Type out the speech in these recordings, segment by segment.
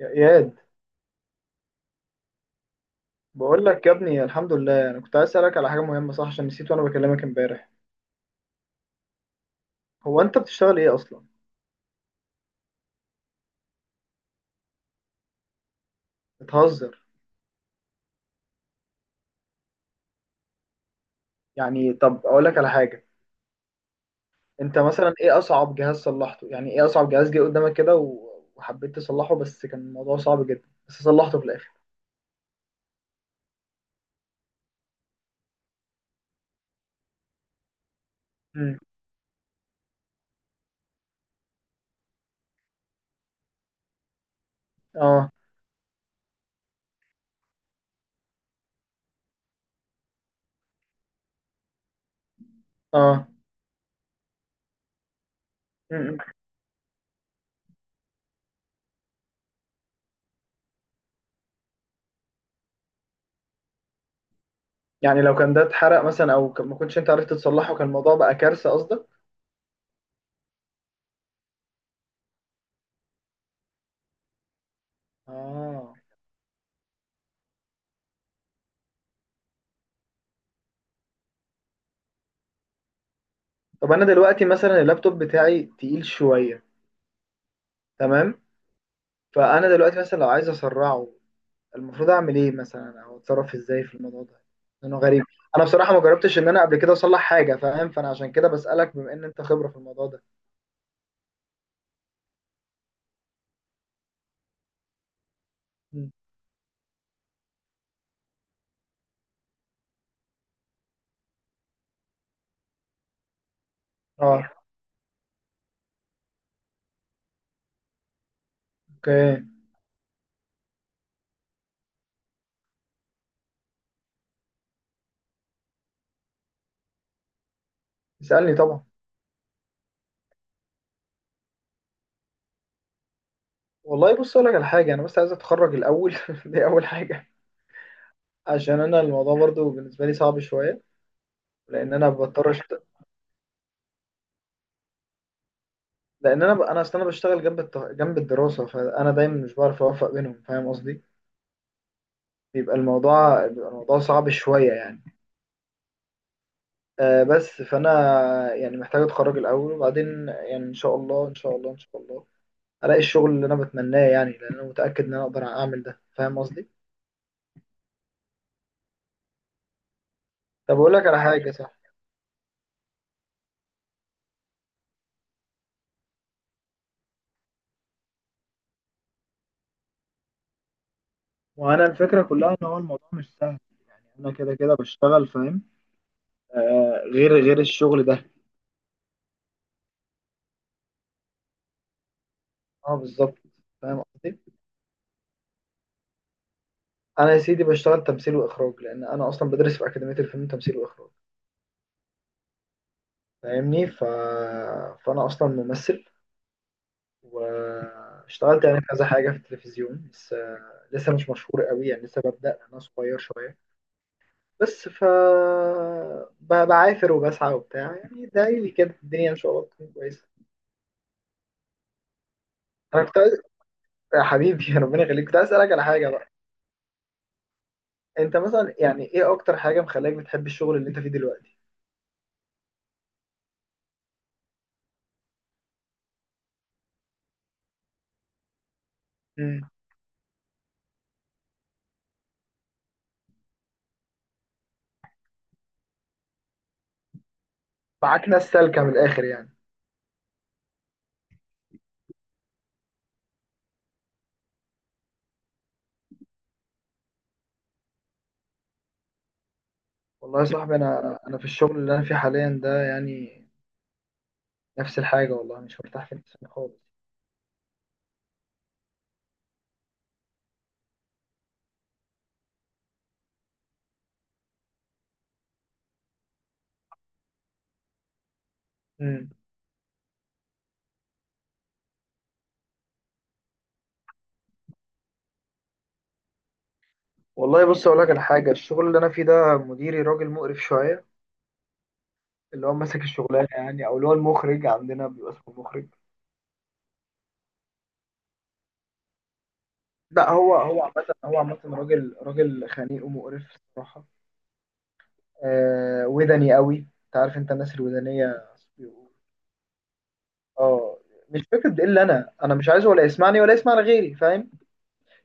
يا اياد، بقول لك يا ابني الحمد لله، انا كنت عايز اسالك على حاجه مهمه صح، عشان نسيت وانا بكلمك امبارح. هو انت بتشتغل ايه اصلا؟ بتهزر؟ يعني طب اقول لك على حاجه. انت مثلا ايه اصعب جهاز صلحته؟ يعني ايه اصعب جهاز جه قدامك كده و- وحبيت تصلحه بس كان الموضوع صعب جدا بس صلحته في الاخر؟ امم اه. اه. امم يعني لو كان ده اتحرق مثلا او ما كنتش انت عرفت تصلحه كان الموضوع بقى كارثه قصدك؟ اه. طب انا دلوقتي مثلا اللابتوب بتاعي تقيل شويه، تمام؟ فانا دلوقتي مثلا لو عايز اسرعه المفروض اعمل ايه مثلا او اتصرف ازاي في الموضوع ده؟ لانه غريب. انا بصراحه ما جربتش ان انا قبل كده اصلح حاجه، فاهم؟ فانا عشان كده بسالك بما ان انت خبره في الموضوع ده. مم. اه. اوكي. اسالني طبعا. والله بص اقول لك على حاجه، انا بس عايز اتخرج الاول دي اول حاجه، عشان انا الموضوع برضو بالنسبه لي صعب شويه. لان انا بضطر أشت... لان انا ب... انا اصل انا بشتغل جنب جنب الدراسه، فانا دايما مش بعرف اوفق بينهم، فاهم قصدي؟ بيبقى الموضوع صعب شويه يعني. بس فانا يعني محتاج اتخرج الاول وبعدين يعني ان شاء الله، ان شاء الله الاقي الشغل اللي انا بتمناه، يعني لان انا متاكد ان انا اقدر اعمل ده، فاهم قصدي؟ طب اقول لك على حاجه صح. وانا الفكره كلها ان هو الموضوع مش سهل. يعني انا كده كده بشتغل، فاهم؟ آه، غير الشغل ده. اه بالظبط. فاهم قصدي. انا يا سيدي بشتغل تمثيل واخراج، لان انا اصلا بدرس في اكاديميه الفيلم تمثيل واخراج. فاهمني ف... فانا اصلا ممثل، واشتغلت يعني في كذا حاجة في التلفزيون، بس لسه مش مشهور قوي، يعني لسه ببدأ، أنا صغير شوية. بس ف بعافر وبسعى وبتاع يعني دايلي كده، الدنيا إن شاء الله تكون كويسة. أنا كنت عايز، يا حبيبي ربنا يخليك، كنت عايز أسألك على حاجة بقى. أنت مثلا يعني إيه أكتر حاجة مخليك بتحب الشغل اللي أنت فيه دلوقتي؟ امم معاك ناس سالكة من الآخر يعني؟ والله يا صاحبي أنا في الشغل اللي أنا فيه حاليا ده يعني نفس الحاجة، والله مش مرتاح فيه خالص. امم والله بص اقول لك على حاجه، الشغل اللي انا فيه ده مديري راجل مقرف شويه. اللي هو ماسك الشغلانه يعني، او اللي هو المخرج عندنا بيبقى اسمه المخرج. لا، هو عامه راجل خنيق ومقرف الصراحه. آه ودني قوي. انت عارف انت الناس الودانيه بيبقوا- اه. مش فكره ده، الا انا، انا مش عايزه ولا يسمعني ولا يسمع لغيري، فاهم؟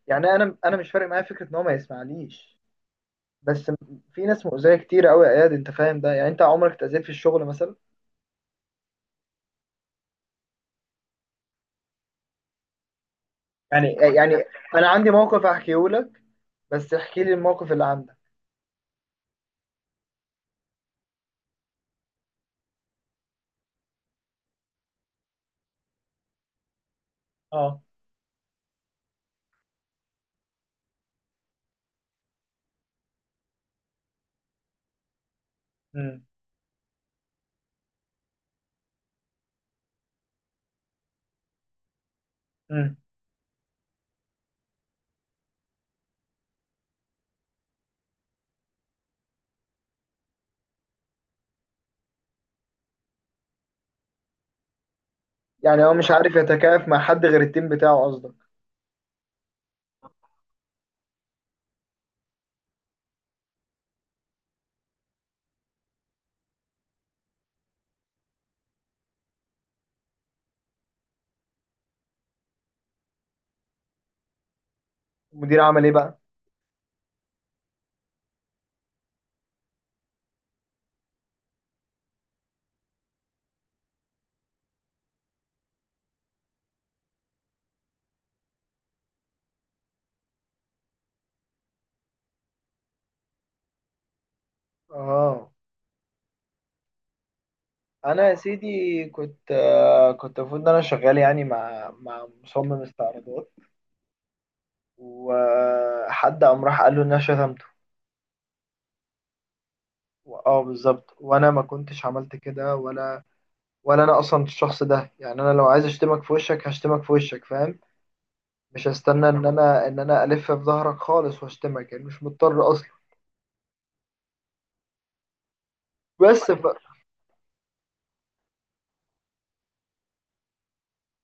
يعني انا مش فارق معايا فكره ان هو ما يسمعنيش. بس في ناس مؤذيه كتير قوي يا اياد، انت فاهم ده؟ يعني انت عمرك اتاذيت في الشغل مثلا؟ يعني انا عندي موقف احكيه لك، بس احكي لي الموقف اللي عندك. اه. امم امم يعني هو مش عارف يتكيف مع حد غير التيم بتاعه قصدك؟ المدير عمل ايه بقى؟ اه. انا يا سيدي كنت، كنت المفروض ان انا شغال يعني مع مصمم استعراضات، وحد قام راح قال له ان انا شتمته. اه بالظبط، وانا ما كنتش عملت كده، ولا انا اصلا الشخص ده. يعني انا لو عايز اشتمك في وشك هشتمك في وشك، فاهم؟ مش هستنى ان انا الف في ظهرك خالص واشتمك، يعني مش مضطر اصلا. بس ف...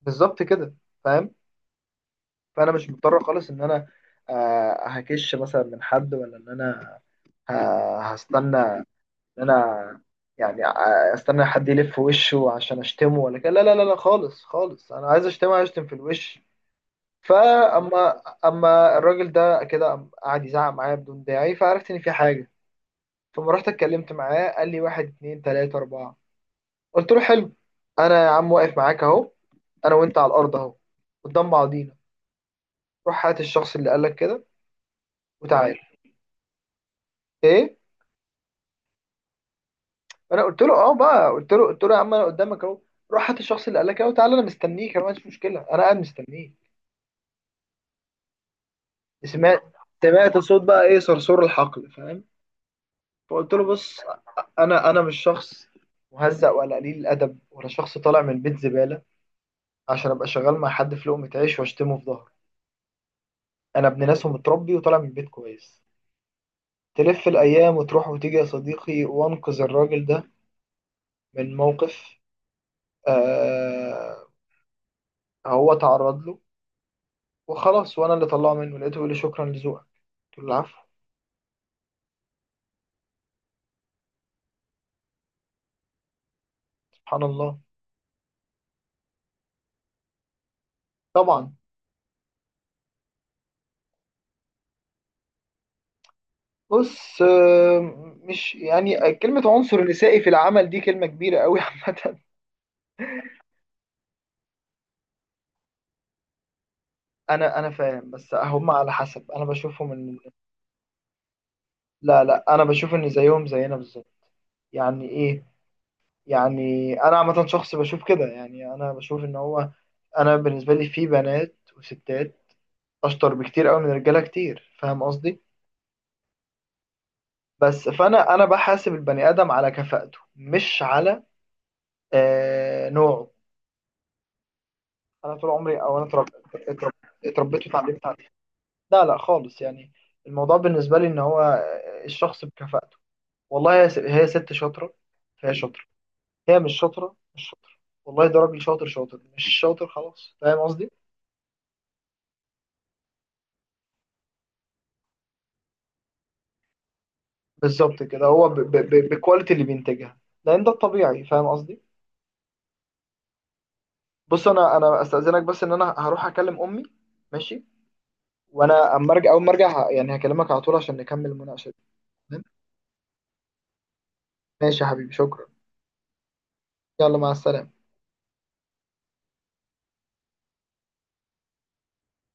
بالظبط كده. فاهم. فانا مش مضطر خالص ان انا، هكش مثلا من حد، ولا ان انا هستنى ان انا، يعني استنى حد يلف وشه عشان اشتمه ولا كده. لا لا لا لا، خالص خالص، انا عايز اشتمه هشتم في الوش. اما الراجل ده كده قام قعد يزعق معايا بدون داعي، فعرفت ان في حاجه. فما رحت اتكلمت معاه قال لي واحد اتنين تلاته اربعه. قلت له حلو، انا يا عم واقف معاك اهو، انا وانت على الارض اهو، قدام بعضينا. روح هات الشخص اللي قال لك كده وتعالى. ايه. انا قلت له اه بقى، قلت له يا عم انا قدامك اهو، روح هات الشخص اللي قال لك كده وتعالى، انا مستنيك، انا ما عنديش مشكله، انا قاعد مستنيك. سمعت؟ سمعت صوت بقى ايه؟ صرصور الحقل، فاهم؟ فقلت له بص، انا مش شخص مهزأ ولا قليل الادب ولا شخص طالع من البيت زباله، عشان ابقى شغال مع حد في لقمه عيش واشتمه في ظهره. انا ابن ناس ومتربي وطالع من البيت كويس. تلف الايام وتروح وتيجي يا صديقي، وانقذ الراجل ده من موقف، آه، هو تعرض له، وخلاص، وانا اللي طلعه منه، لقيته بيقول لي شكرا لذوقك. قلت له العفو. سبحان الله. طبعا. بص مش يعني كلمة عنصر نسائي في العمل دي كلمة كبيرة قوي عامة. انا فاهم، بس هم على حسب، انا بشوفهم ان، لا لا، انا بشوف ان زيهم زينا بالظبط. يعني ايه؟ يعني انا عامة شخص بشوف كده، يعني انا بشوف ان هو، انا بالنسبة لي في بنات وستات اشطر بكتير قوي من رجالة كتير، فاهم قصدي؟ فانا بحاسب البني ادم على كفاءته مش على آه نوعه. انا طول عمري، او انا اترب- اتربيت وتعلمت عليه. لا لا خالص يعني. الموضوع بالنسبه لي ان هو، الشخص بكفاءته. والله هي ست شاطره، فهي شاطره. هي مش شاطره، مش شاطره. والله ده راجل شاطر، شاطر. مش شاطر خلاص، فاهم قصدي؟ بالظبط كده، هو بالكواليتي اللي بينتجها، لان ده الطبيعي، فاهم قصدي؟ بص انا، استاذنك بس ان انا هروح اكلم امي. ماشي. وانا اما ارجع، اول ما ارجع يعني هكلمك على طول عشان نكمل المناقشه دي. تمام؟ ماشي يا حبيبي، شكرا. يلا مع السلامه.